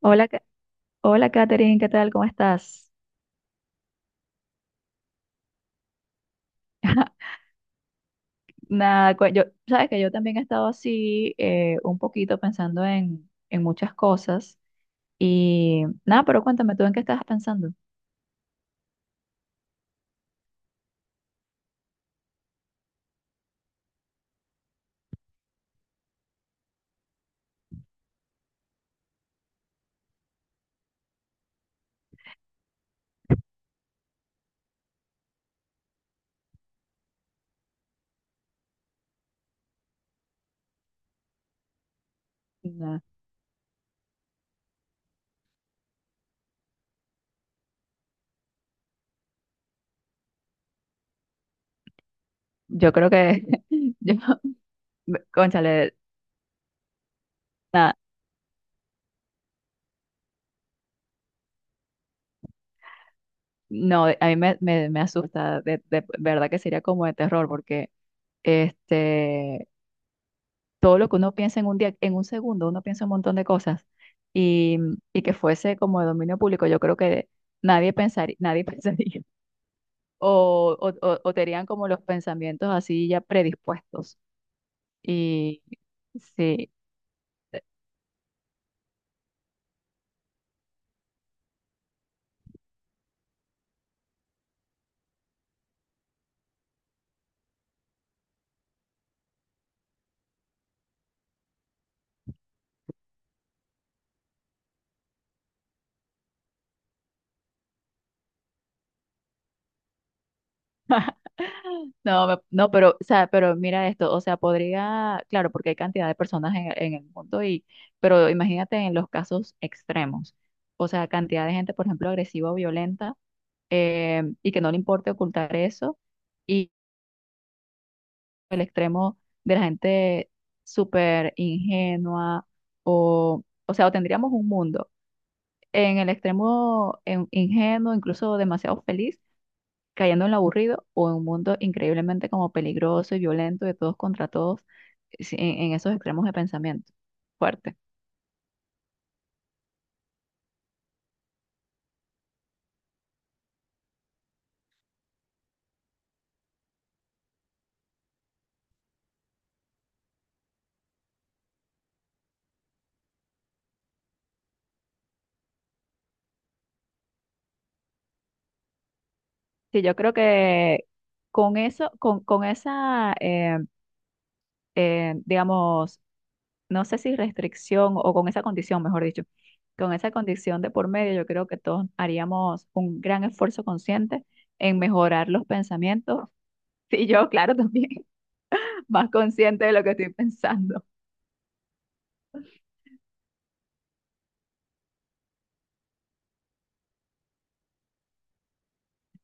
Hola, hola Katherine, ¿qué tal? ¿Cómo estás? Nada, yo, sabes que yo también he estado así un poquito pensando en muchas cosas y nada, pero cuéntame tú en qué estabas pensando. Nada, yo creo que, yo, cónchale, nada, no, a mí me asusta, de verdad que sería como de terror porque este, todo lo que uno piensa en un día, en un segundo, uno piensa un montón de cosas y, y que fuese como de dominio público, yo creo que nadie pensaría, nadie pensaría o tenían como los pensamientos así ya predispuestos. Y sí, no, no, pero, o sea, pero mira esto, o sea, podría, claro, porque hay cantidad de personas en el mundo y, pero imagínate en los casos extremos, o sea, cantidad de gente, por ejemplo, agresiva o violenta y que no le importe ocultar eso, el extremo de la gente súper ingenua o sea, o tendríamos un mundo en el extremo ingenuo, incluso demasiado feliz, cayendo en lo aburrido o en un mundo increíblemente como peligroso y violento de todos contra todos. Sí, en esos extremos de pensamiento. Fuerte. Sí, yo creo que con eso, con esa, digamos, no sé si restricción o con esa condición, mejor dicho, con esa condición de por medio, yo creo que todos haríamos un gran esfuerzo consciente en mejorar los pensamientos. Y yo, claro, también más consciente de lo que estoy pensando.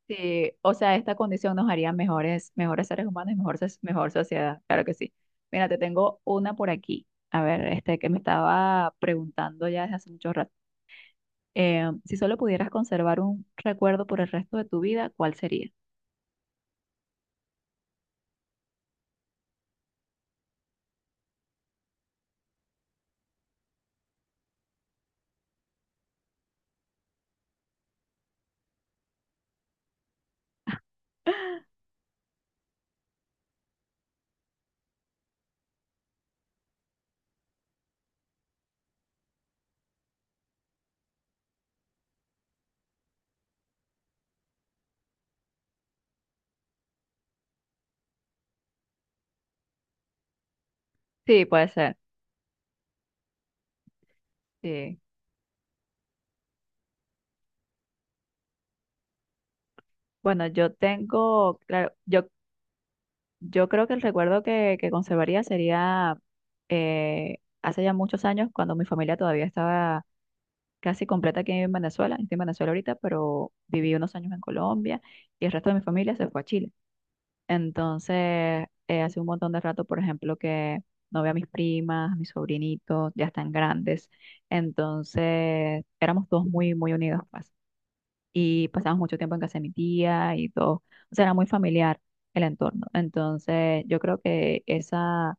Sí, o sea, esta condición nos haría mejores, mejores seres humanos y mejor, mejor sociedad, claro que sí. Mira, te tengo una por aquí. A ver, este que me estaba preguntando ya desde hace mucho rato. Si solo pudieras conservar un recuerdo por el resto de tu vida, ¿cuál sería? Sí, puede ser. Sí. Bueno, yo tengo, claro, yo creo que el recuerdo que conservaría sería hace ya muchos años, cuando mi familia todavía estaba casi completa aquí en Venezuela. Estoy en Venezuela ahorita, pero viví unos años en Colombia y el resto de mi familia se fue a Chile. Entonces, hace un montón de rato, por ejemplo, que no veo a mis primas, a mis sobrinitos, ya están grandes. Entonces, éramos todos muy, muy unidos, pues, y pasamos mucho tiempo en casa de mi tía y todo. O sea, era muy familiar el entorno. Entonces, yo creo que esa,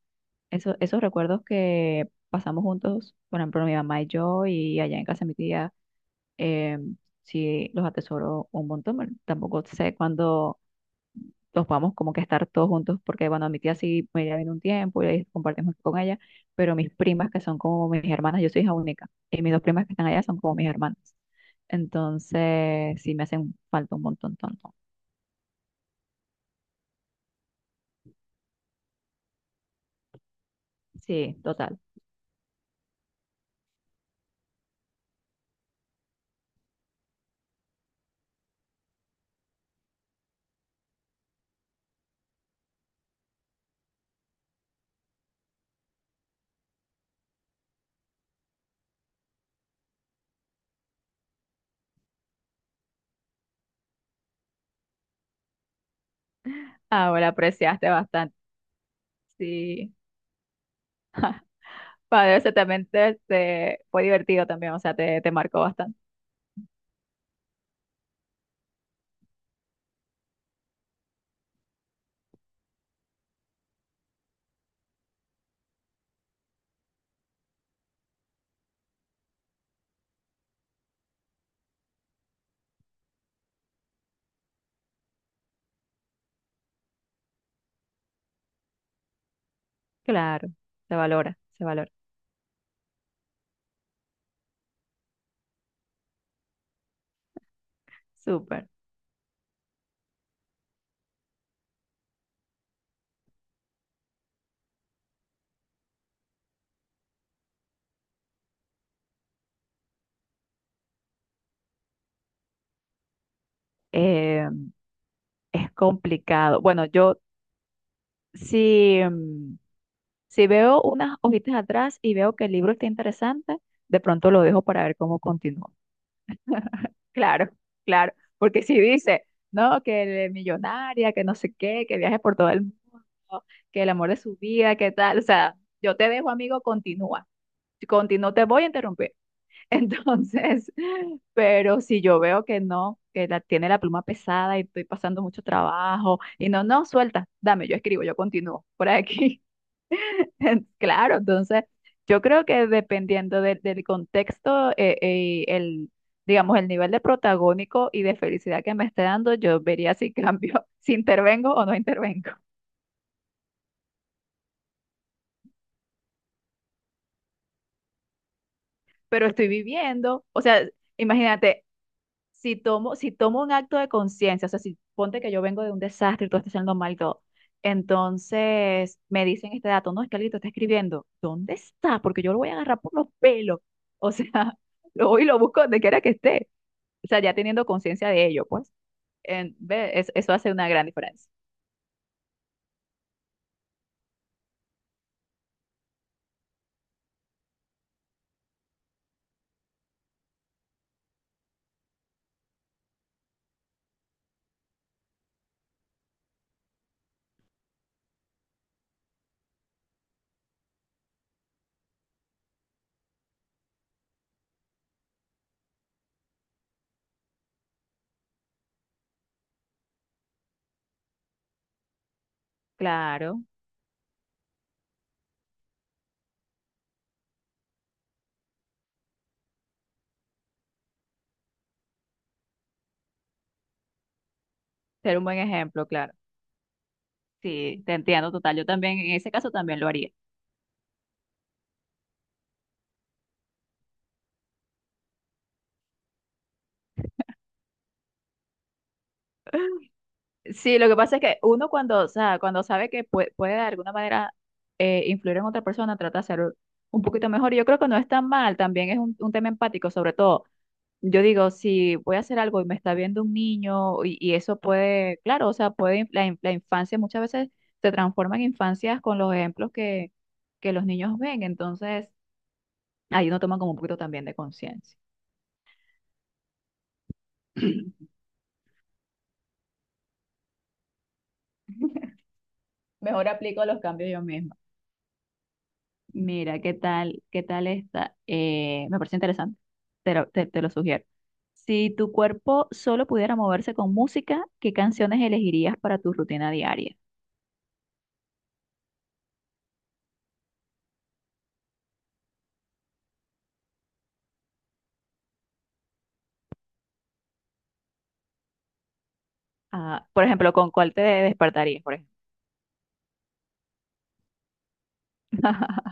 esos recuerdos que pasamos juntos, por ejemplo, mi mamá y yo, y allá en casa de mi tía, eh, sí los atesoro un montón. Bueno, tampoco sé cuándo los vamos como que estar todos juntos, porque bueno, mi tía sí me viene un tiempo y ahí compartimos con ella, pero mis primas, que son como mis hermanas, yo soy hija única, y mis dos primas que están allá son como mis hermanas. Entonces, sí, me hacen falta un montón, tonto. Sí, total. Ahora apreciaste bastante. Sí. Padre, ese también fue divertido también, o sea, te marcó bastante. Claro, se valora, se valora. Súper. Eh, Es complicado. Bueno, yo si, mm, si veo unas hojitas atrás y veo que el libro está interesante, de pronto lo dejo para ver cómo continúa. Claro, claro. Porque si dice, no, que es millonaria, que no sé qué, que viaje por todo el mundo, que el amor de su vida, que tal. O sea, yo te dejo, amigo, continúa. Si continúo, te voy a interrumpir. Entonces, pero si yo veo que no, que la, tiene la pluma pesada y estoy pasando mucho trabajo, y no, no, suelta, dame, yo escribo, yo continúo por aquí. Claro, entonces, yo creo que dependiendo del contexto, el, digamos, el nivel de protagónico y de felicidad que me esté dando, yo vería si cambio, si intervengo o no intervengo. Pero estoy viviendo, o sea, imagínate, si tomo un acto de conciencia, o sea, si ponte que yo vengo de un desastre y todo está siendo mal y todo, entonces me dicen este dato, no, es que alguien te está escribiendo, ¿dónde está? Porque yo lo voy a agarrar por los pelos, o sea, lo voy y lo busco donde quiera que esté, o sea, ya teniendo conciencia de ello, pues, en, ve, eso hace una gran diferencia. Claro, ser un buen ejemplo, claro. Sí, te entiendo total, yo también, en ese caso también lo haría. Sí, lo que pasa es que uno cuando, o sea, cuando sabe que puede, de alguna manera influir en otra persona, trata de ser un poquito mejor. Y yo creo que no es tan mal, también es un tema empático, sobre todo. Yo digo, si voy a hacer algo y me está viendo un niño y eso puede, claro, o sea, puede, la, la infancia muchas veces se transforma en infancias con los ejemplos que los niños ven, entonces ahí uno toma como un poquito también de conciencia. Mejor aplico los cambios yo misma. Mira, ¿qué tal? ¿Qué tal esta? Me parece interesante. Te lo sugiero. Si tu cuerpo solo pudiera moverse con música, ¿qué canciones elegirías para tu rutina diaria? Ah, por ejemplo, ¿con cuál te despertarías, por ejemplo?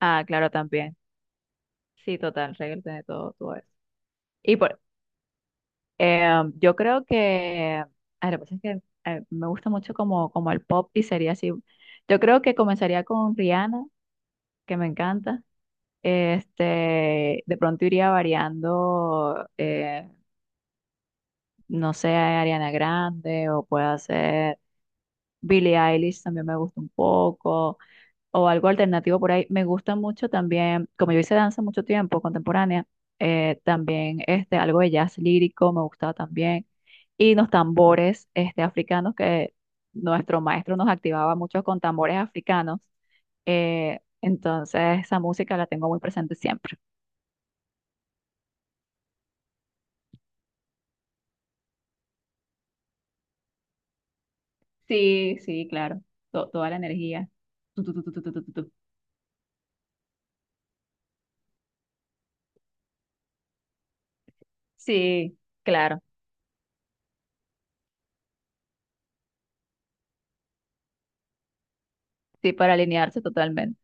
Ah, claro, también. Sí, total, reírte de todo, todo eso. Y por, eh, yo creo que, ah, lo que pasa es que me gusta mucho como, como el pop y sería así. Yo creo que comenzaría con Rihanna, que me encanta. Este, de pronto iría variando, no sé, Ariana Grande o puede ser Billie Eilish, también me gusta un poco, o algo alternativo por ahí. Me gusta mucho también, como yo hice danza mucho tiempo, contemporánea, también este, algo de jazz lírico me gustaba también. Y los tambores este, africanos que nuestro maestro nos activaba mucho con tambores africanos. Eh, entonces esa música la tengo muy presente siempre. Sí, sí, claro. Toda la energía. Tu, tu, tu, tu, tu, tu, tu, tu, tu. Sí, claro. Sí, para alinearse totalmente.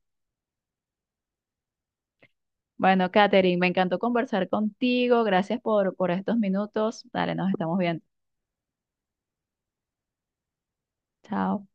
Bueno, Katherine, me encantó conversar contigo. Gracias por estos minutos. Dale, nos estamos viendo. Chao.